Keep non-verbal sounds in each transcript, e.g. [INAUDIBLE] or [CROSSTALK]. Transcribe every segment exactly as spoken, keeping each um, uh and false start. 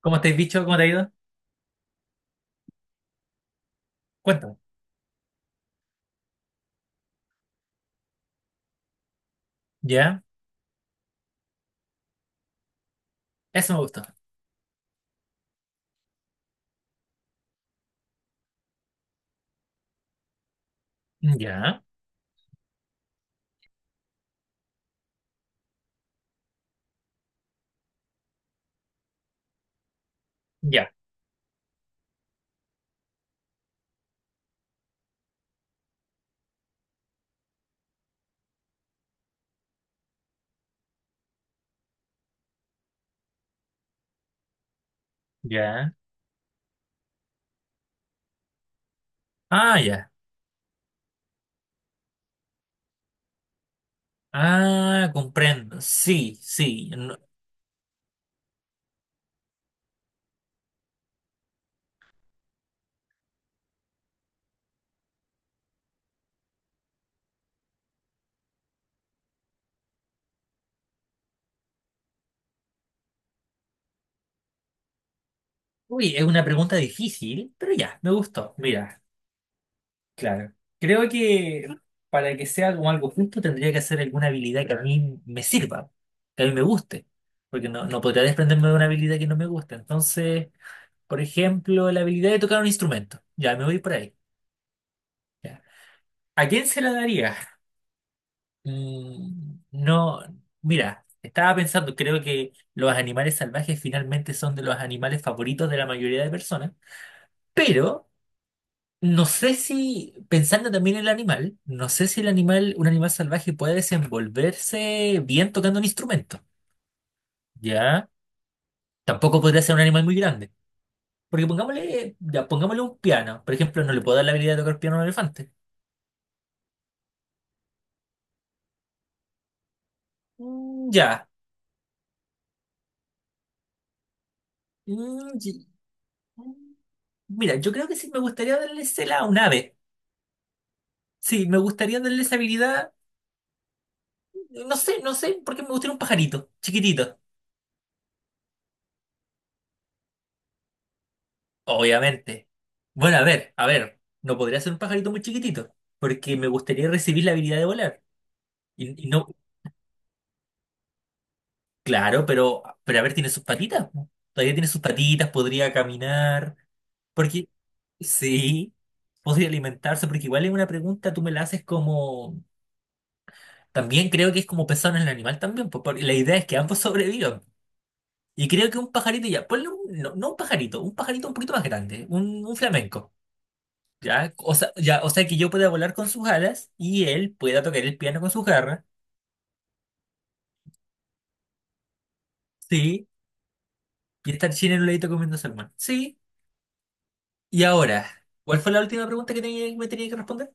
¿Cómo te has dicho? ¿Cómo te ha ido? Cuéntame. ¿Ya? Eso me gustó. ¿Ya? ¿Ya? ¿Ya? Ah, ya. Ah, comprendo. Sí, sí. No- Uy, es una pregunta difícil, pero ya, me gustó. Mira, claro. Creo que para que sea como algo justo tendría que hacer alguna habilidad que a mí me sirva, que a mí me guste, porque no, no podría desprenderme de una habilidad que no me gusta. Entonces, por ejemplo, la habilidad de tocar un instrumento. Ya, me voy por ahí. Ya. ¿A quién se la daría? Mm, No, mira, estaba pensando, creo que los animales salvajes finalmente son de los animales favoritos de la mayoría de personas, pero no sé si, pensando también en el animal, no sé si el animal, un animal salvaje puede desenvolverse bien tocando un instrumento, ¿ya? Tampoco podría ser un animal muy grande, porque pongámosle, ya, pongámosle un piano, por ejemplo, no le puedo dar la habilidad de tocar piano a un elefante. Mm, ya. Mm, y- mm, Mira, yo creo que sí me gustaría darle cela a un ave. Sí, me gustaría darle esa habilidad. No sé, no sé, porque me gustaría un pajarito, chiquitito. Obviamente. Bueno, a ver, a ver. No podría ser un pajarito muy chiquitito, porque me gustaría recibir la habilidad de volar. Y, y no, claro, pero, pero a ver, tiene sus patitas. Po. Todavía tiene sus patitas, podría caminar. Porque, sí, podría alimentarse, porque igual es una pregunta, tú me la haces como. También creo que es como pensar en el animal también, pues, porque la idea es que ambos [LAUGHS] sobrevivan. Y creo que un pajarito ya, ponle un, no, no un pajarito, un pajarito un poquito más grande, un, un flamenco, ¿ya? O sea, ya, o sea que yo pueda volar con sus alas y él pueda tocar el piano con sus garras, sí, y estar chino en un ladito comiendo salmón, sí. Y ahora, ¿cuál fue la última pregunta que tenía- me tenía que responder?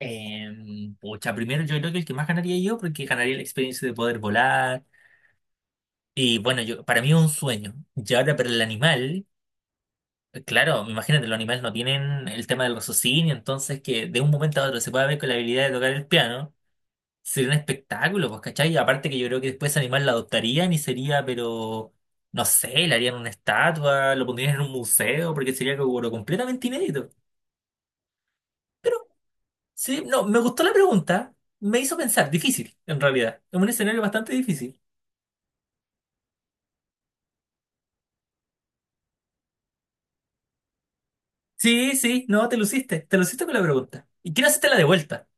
Eh, pucha, primero yo creo que el que más ganaría yo, porque ganaría la experiencia de poder volar, y bueno, yo, para mí es un sueño. Y ahora para el animal. Claro, imagínate, los animales no tienen el tema del raciocinio, entonces que de un momento a otro se pueda ver con la habilidad de tocar el piano, sería un espectáculo, pues, ¿cachai? Y aparte que yo creo que después ese animal la adoptarían y sería, pero, no sé, le harían una estatua, lo pondrían en un museo, porque sería algo pero completamente inédito. Pero, sí, no, me gustó la pregunta, me hizo pensar, difícil, en realidad, es un escenario bastante difícil. Sí, sí, no, te luciste, te luciste con la pregunta. ¿Y quién hacerte la de vuelta?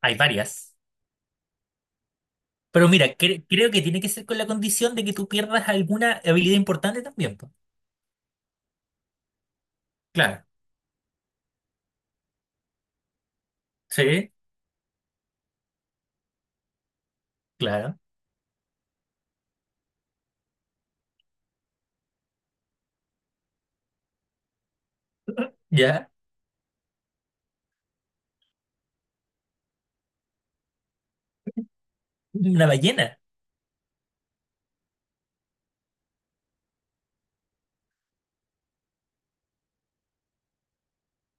Hay varias. Pero mira, cre- creo que tiene que ser con la condición de que tú pierdas alguna habilidad importante también, po. Claro, sí, claro, ya. Una ballena.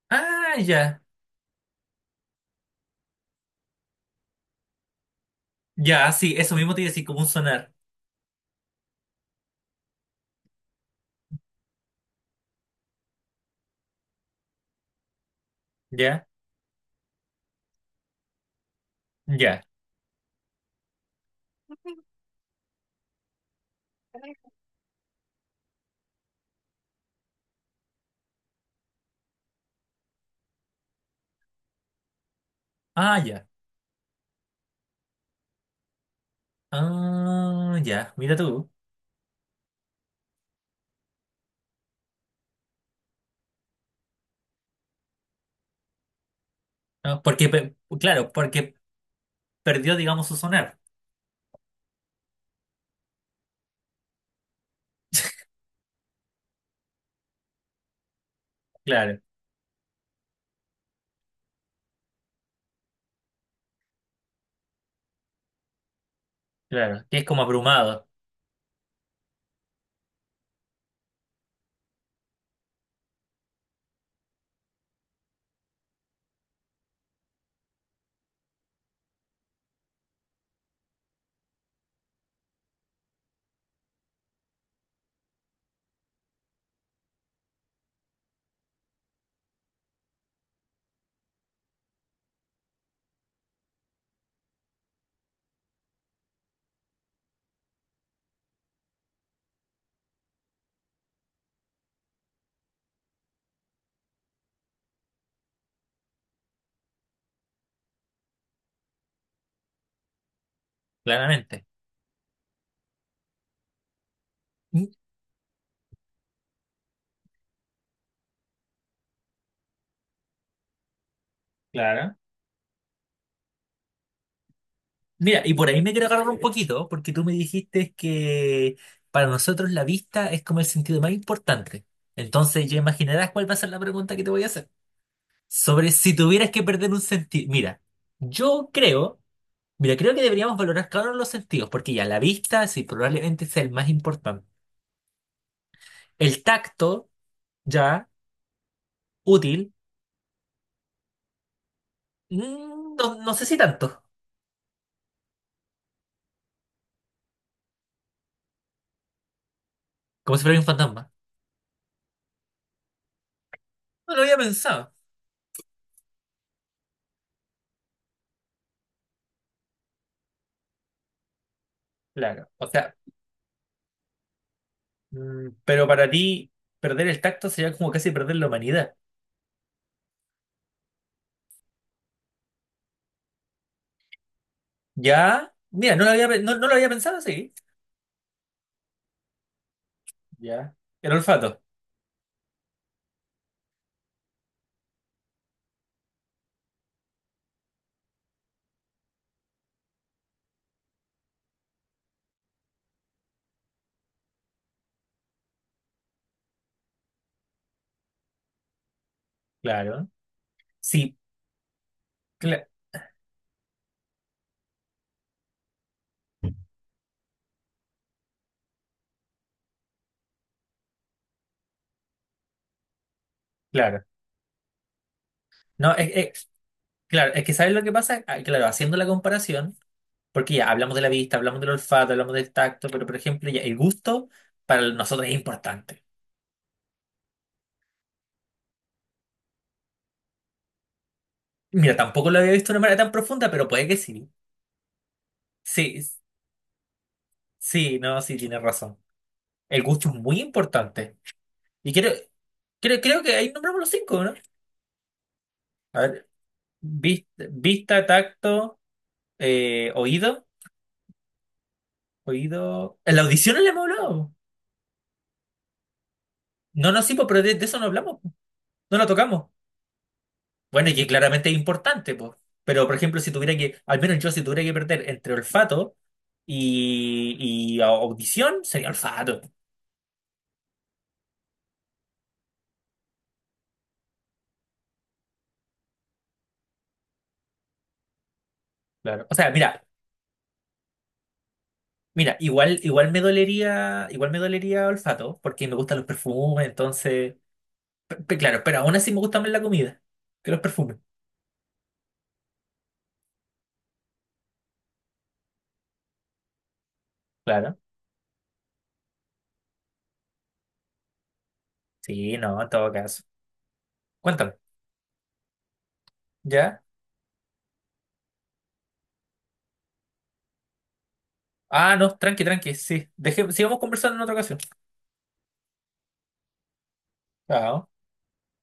Ah, ya, ya, sí, eso mismo te iba a decir, como un sonar. Ya, ya. Ah, ya. Ah, ya, mira tú. Ah, porque, pe- claro, porque perdió, digamos, su sonar. Claro, claro, que es como abrumado, claramente. Mm. Claro. Mira, y por ahí me quiero agarrar un poquito, porque tú me dijiste que para nosotros la vista es como el sentido más importante. Entonces ya imaginarás cuál va a ser la pregunta que te voy a hacer. Sobre si tuvieras que perder un sentido. Mira, yo creo, mira, creo que deberíamos valorar cada uno de los sentidos, porque ya la vista sí probablemente sea el más importante. El tacto, ya, útil, mm, no, no sé si tanto, como si fuera un fantasma. No lo había pensado. Claro, o sea, mm, pero para ti, perder el tacto sería como casi perder la humanidad. Ya, mira, no lo había, pe- no, no lo había pensado así. Ya. El olfato, claro. Sí, cla- claro. No, es, es- claro, es que ¿sabes lo que pasa? Ah, claro, haciendo la comparación, porque ya hablamos de la vista, hablamos del olfato, hablamos del tacto, pero por ejemplo, ya el gusto para nosotros es importante. Mira, tampoco lo había visto de una manera tan profunda, pero puede que sí. Sí, sí, no, sí, tienes razón. El gusto es muy importante. Y creo, creo, creo que ahí nombramos los cinco, ¿no? A ver, vis- vista, tacto, eh, oído, oído. En la audición no le hemos hablado. No, no, sí, po, pero de, de eso no hablamos, po. No lo tocamos. Bueno, y que claramente es importante, pues. Pero, por ejemplo, si tuviera que, al menos yo, si tuviera que perder entre olfato y, y au- audición, sería olfato. Claro. O sea, mira, mira, igual, igual me dolería, igual me dolería olfato, porque me gustan los perfumes, entonces. Pe- pe- claro, pero aún así me gusta más la comida que los perfumes. Claro. Sí, no, en todo caso. Cuéntame. ¿Ya? Ah, no, tranqui, tranqui, sí. Deje, sigamos conversando en otra ocasión. Ah,